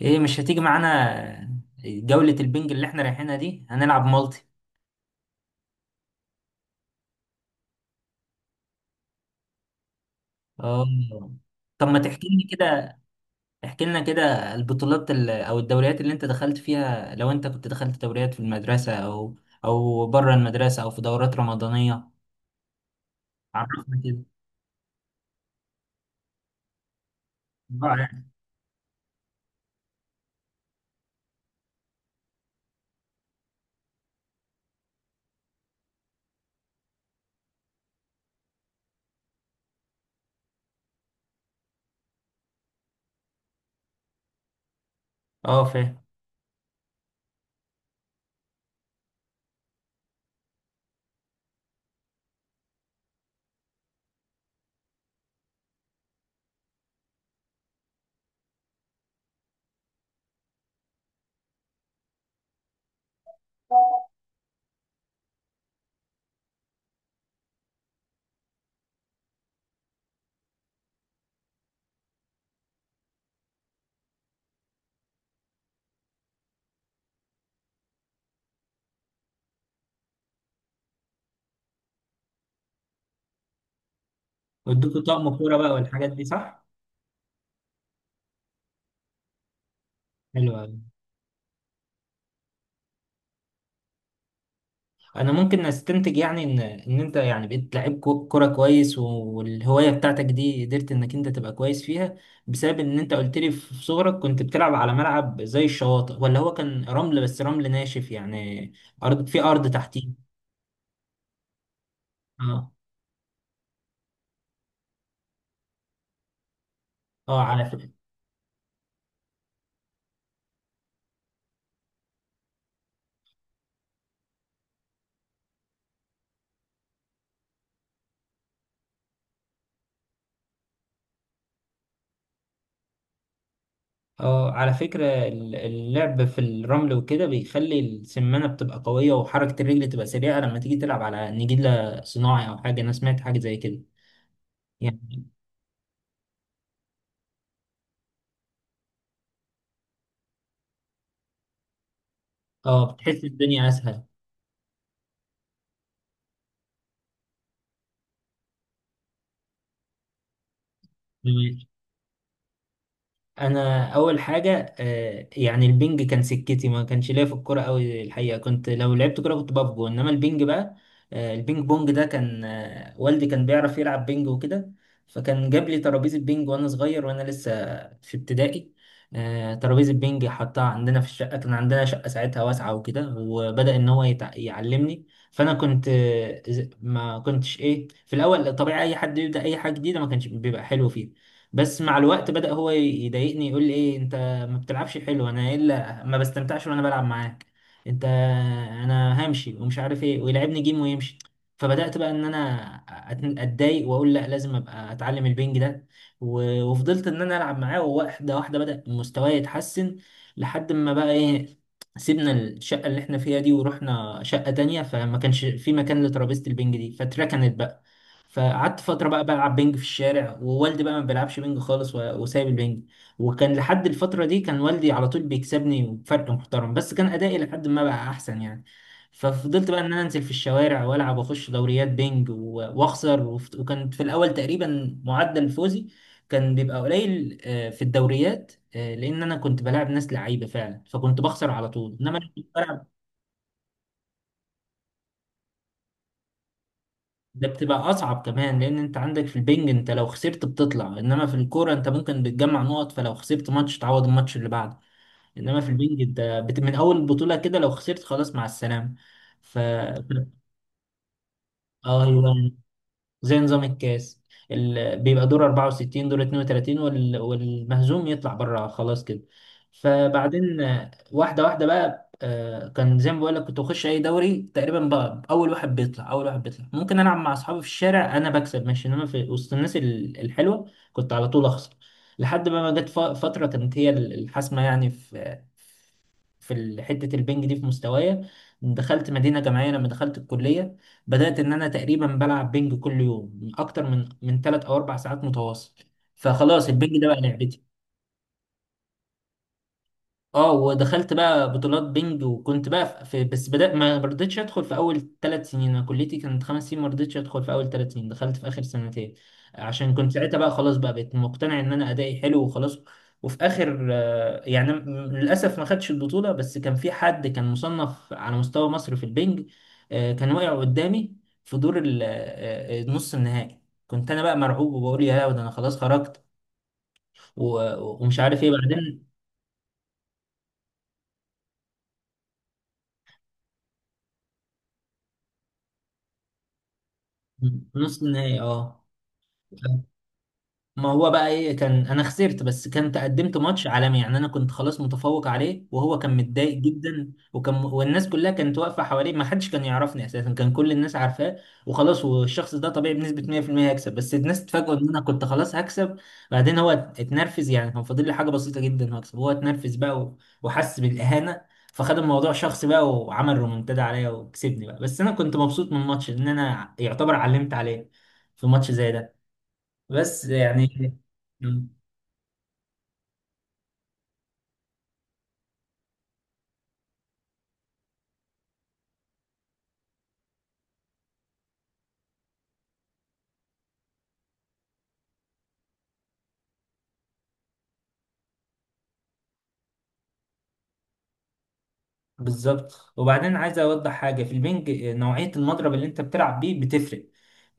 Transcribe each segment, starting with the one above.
ايه؟ مش هتيجي معانا جولة البنج اللي احنا رايحينها دي؟ هنلعب مالتي. اه. طب ما تحكي لي كده، احكي لنا كده البطولات او الدوريات اللي انت دخلت فيها، لو انت كنت دخلت دوريات في المدرسة او او بره المدرسة او في دورات رمضانية. عرفنا كده. اه يعني. اه فاهم. وادوكوا طقم كورة بقى والحاجات دي صح؟ حلو أوي. انا ممكن استنتج يعني ان انت يعني بقيت لعيب كرة كويس، والهواية بتاعتك دي قدرت انك انت تبقى كويس فيها بسبب ان انت قلت لي في صغرك كنت بتلعب على ملعب زي الشواطئ، ولا هو كان رمل، بس رمل ناشف يعني ارض، في ارض تحتيه. اه. اه على فكرة. اه على فكرة اللعب في الرمل وكده بيخلي السمانة بتبقى قوية وحركة الرجل تبقى سريعة لما تيجي تلعب على نجيلة صناعي او حاجة، انا سمعت حاجة زي كده يعني. اه بتحس الدنيا اسهل. انا اول حاجه يعني البنج كان سكتي، ما كانش ليا في الكوره قوي الحقيقه، كنت لو لعبت كوره كنت بقف جون، انما البنج بقى البينج بونج ده كان والدي كان بيعرف يلعب بينج وكده، فكان جاب لي ترابيزه بينج وانا صغير وانا لسه في ابتدائي. ترابيزه بينج حطها عندنا في الشقه، كان عندنا شقه ساعتها واسعه وكده، وبدا ان هو يعلمني. فانا كنت ما كنتش ايه في الاول، طبيعي اي حد يبدا اي حاجه جديده ما كانش بيبقى حلو فيها. بس مع الوقت بدأ هو يضايقني يقول لي: ايه انت ما بتلعبش حلو، انا الا ما بستمتعش وانا بلعب معاك، انت، انا همشي ومش عارف ايه، ويلعبني جيم ويمشي. فبدأت بقى ان انا اتضايق واقول لا، لازم ابقى اتعلم البنج ده، وفضلت ان انا العب معاه، وواحده واحده بدأ مستواي يتحسن لحد ما بقى ايه، سيبنا الشقة اللي احنا فيها دي ورحنا شقة تانية، فما كانش في مكان لترابيزة البنج دي، فاتركنت بقى. فقعدت فترة بقى بلعب بينج في الشارع، ووالدي بقى ما بيلعبش بينج خالص، وسايب البينج. وكان لحد الفترة دي كان والدي على طول بيكسبني بفرق محترم، بس كان أدائي لحد ما بقى أحسن يعني. ففضلت بقى إن أنا أنزل في الشوارع وألعب وأخش دوريات بينج وأخسر، وكان في الأول تقريبا معدل فوزي كان بيبقى قليل في الدوريات، لأن أنا كنت بلاعب ناس لعيبة فعلا، فكنت بخسر على طول، إنما أنا كنت بلعب. ده بتبقى اصعب كمان، لان انت عندك في البنج انت لو خسرت بتطلع، انما في الكوره انت ممكن بتجمع نقط، فلو خسرت ماتش تعوض الماتش اللي بعده، انما في البنج انت بت... من اول البطوله كده لو خسرت خلاص مع السلامه. ف اه. ايوه زي نظام الكاس. ال... بيبقى دور 64 دور 32 والمهزوم يطلع بره خلاص كده. فبعدين واحدة واحدة بقى كان زي ما بقول لك، كنت بخش اي دوري تقريبا بقى، اول واحد بيطلع، اول واحد بيطلع. ممكن العب مع اصحابي في الشارع انا بكسب ماشي، انما في وسط الناس الحلوه كنت على طول اخسر. لحد ما فتره كانت هي الحاسمه يعني في في حته البنج دي في مستوايا. دخلت مدينه جامعيه لما دخلت الكليه، بدأت إن أنا تقريبا بلعب بينج كل يوم أكتر من تلات أو أربع ساعات متواصل. فخلاص البينج ده بقى لعبتي. اه، ودخلت بقى بطولات بينج، وكنت بقى في، بس بدأ ما رضيتش ادخل في اول ثلاث سنين، انا كليتي كانت خمس سنين، ما رضيتش ادخل في اول ثلاث سنين، دخلت في اخر سنتين، عشان كنت ساعتها بقى خلاص بقى بقيت مقتنع ان انا ادائي حلو وخلاص. وفي اخر للاسف ما خدتش البطولة، بس كان في حد كان مصنف على مستوى مصر في البينج، كان واقع قدامي في دور نص النهائي. كنت انا بقى مرعوب وبقول يا ده انا خلاص خرجت، و- ومش عارف ايه بعدين. نص النهائي اه. ما هو بقى ايه، كان انا خسرت، بس كنت قدمت ماتش عالمي يعني، انا كنت خلاص متفوق عليه وهو كان متضايق جدا، وكان والناس كلها كانت واقفه حواليه، ما حدش كان يعرفني اساسا، كان كل الناس عارفاه. وخلاص، والشخص ده طبيعي بنسبه 100% هيكسب، بس الناس اتفاجئوا ان انا كنت خلاص هكسب. بعدين هو اتنرفز يعني، كان فاضل لي حاجه بسيطه جدا هكسب، هو اتنرفز بقى وحس بالاهانه، فخد الموضوع شخصي بقى وعمل رومنتادا عليا وكسبني بقى. بس انا كنت مبسوط من الماتش ان انا يعتبر علمت عليه في ماتش زي ده، بس يعني. مم. بالظبط. وبعدين عايز اوضح حاجه في البنج، نوعيه المضرب اللي انت بتلعب بيه بتفرق.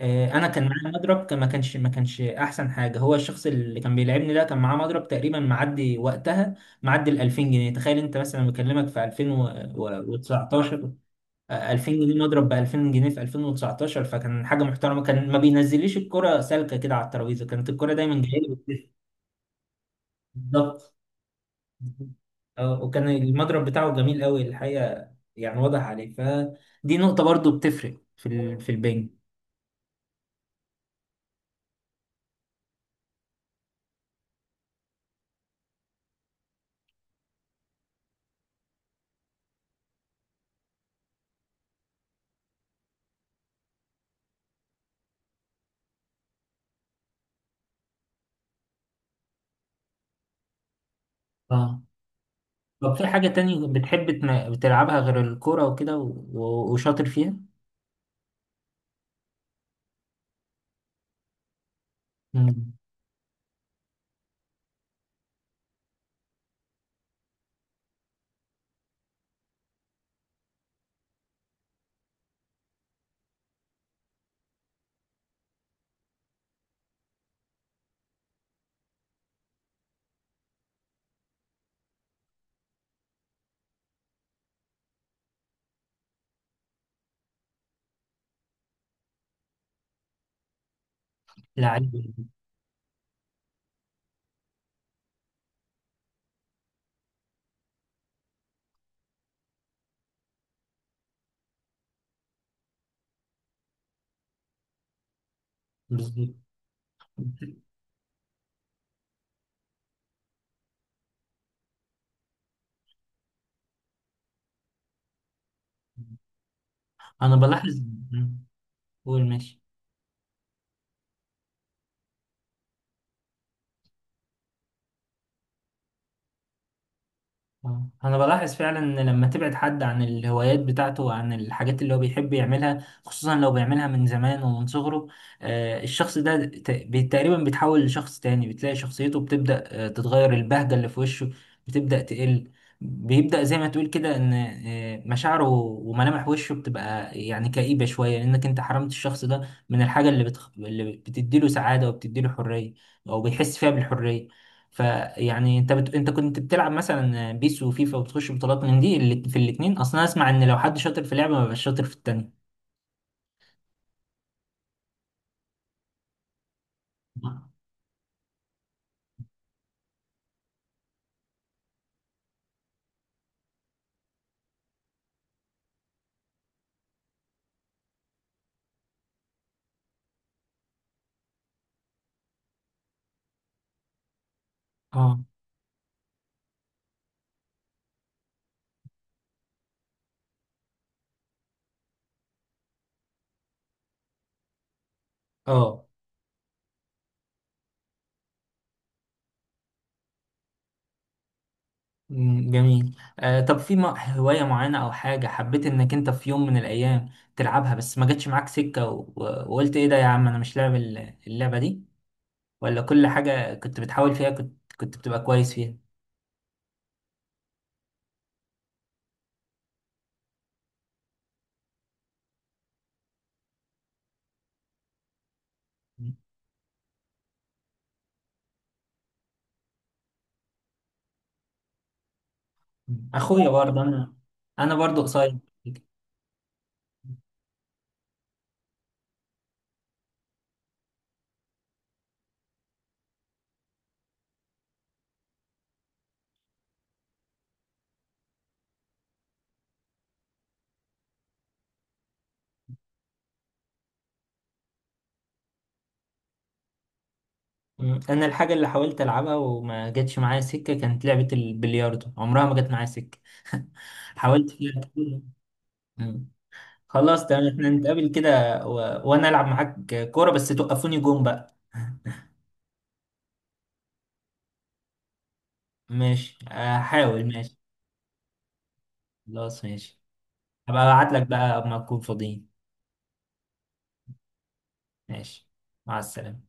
انا كان معايا مضرب ما كانش احسن حاجه، هو الشخص اللي كان بيلعبني ده كان معاه مضرب تقريبا معدي وقتها، معدي ال 2000 جنيه، تخيل انت مثلا، بكلمك في 2019. 2000 جنيه، مضرب ب 2000 جنيه في 2019، فكان حاجه محترمه، كان ما بينزليش الكره سالكه كده على الترابيزه، كانت الكره دايما جايه لي. بالظبط. اه، وكان المضرب بتاعه جميل قوي الحقيقة يعني، واضح عليه، فدي نقطة برضو بتفرق في ال... في البنج. اه طب في حاجة تانية بتحب بتلعبها غير الكورة وكده وشاطر فيها؟ مم. لعيب. بالظبط. أنا بلاحظ. مم. قول ماشي. آه. انا بلاحظ فعلا ان لما تبعد حد عن الهوايات بتاعته وعن الحاجات اللي هو بيحب يعملها، خصوصا لو بيعملها من زمان ومن صغره، الشخص ده تقريبا بيتحول لشخص تاني، بتلاقي شخصيته بتبدأ تتغير، البهجة اللي في وشه بتبدأ تقل، بيبدأ زي ما تقول كده ان مشاعره وملامح وشه بتبقى يعني كئيبة شوية، لانك انت حرمت الشخص ده من الحاجة اللي بتخ... اللي بتديله سعادة وبتديله حرية، او بيحس فيها بالحرية. فيعني انت بت... انت كنت بتلعب مثلا بيس وفيفا، وبتخش بطولات من دي، اللي في الاتنين اصلا اسمع ان لو حد شاطر في لعبه ما بيبقاش شاطر في التانيه. اه. اه. مم، جميل. آه طب في هوايه معينه او حاجه حبيت انك انت في يوم من الايام تلعبها، بس ما جاتش معاك سكه وقلت ايه ده يا عم، انا مش لاعب اللعبه دي، ولا كل حاجه كنت بتحاول فيها كنت كنت بتبقى كويس فيها؟ مم. اخويا برضه انا، انا برضه قصير. مم. انا الحاجه اللي حاولت العبها وما جاتش معايا سكه كانت لعبه البلياردو، عمرها ما جت معايا سكه. حاولت فيها كتير. مم. خلاص تمام، احنا نتقابل كده و... وانا العب معاك كوره، بس توقفوني جون بقى. ماشي، احاول، ماشي. خلاص ماشي. هبقى ابعت لك بقى اما تكون فاضيين. ماشي، مع السلامه.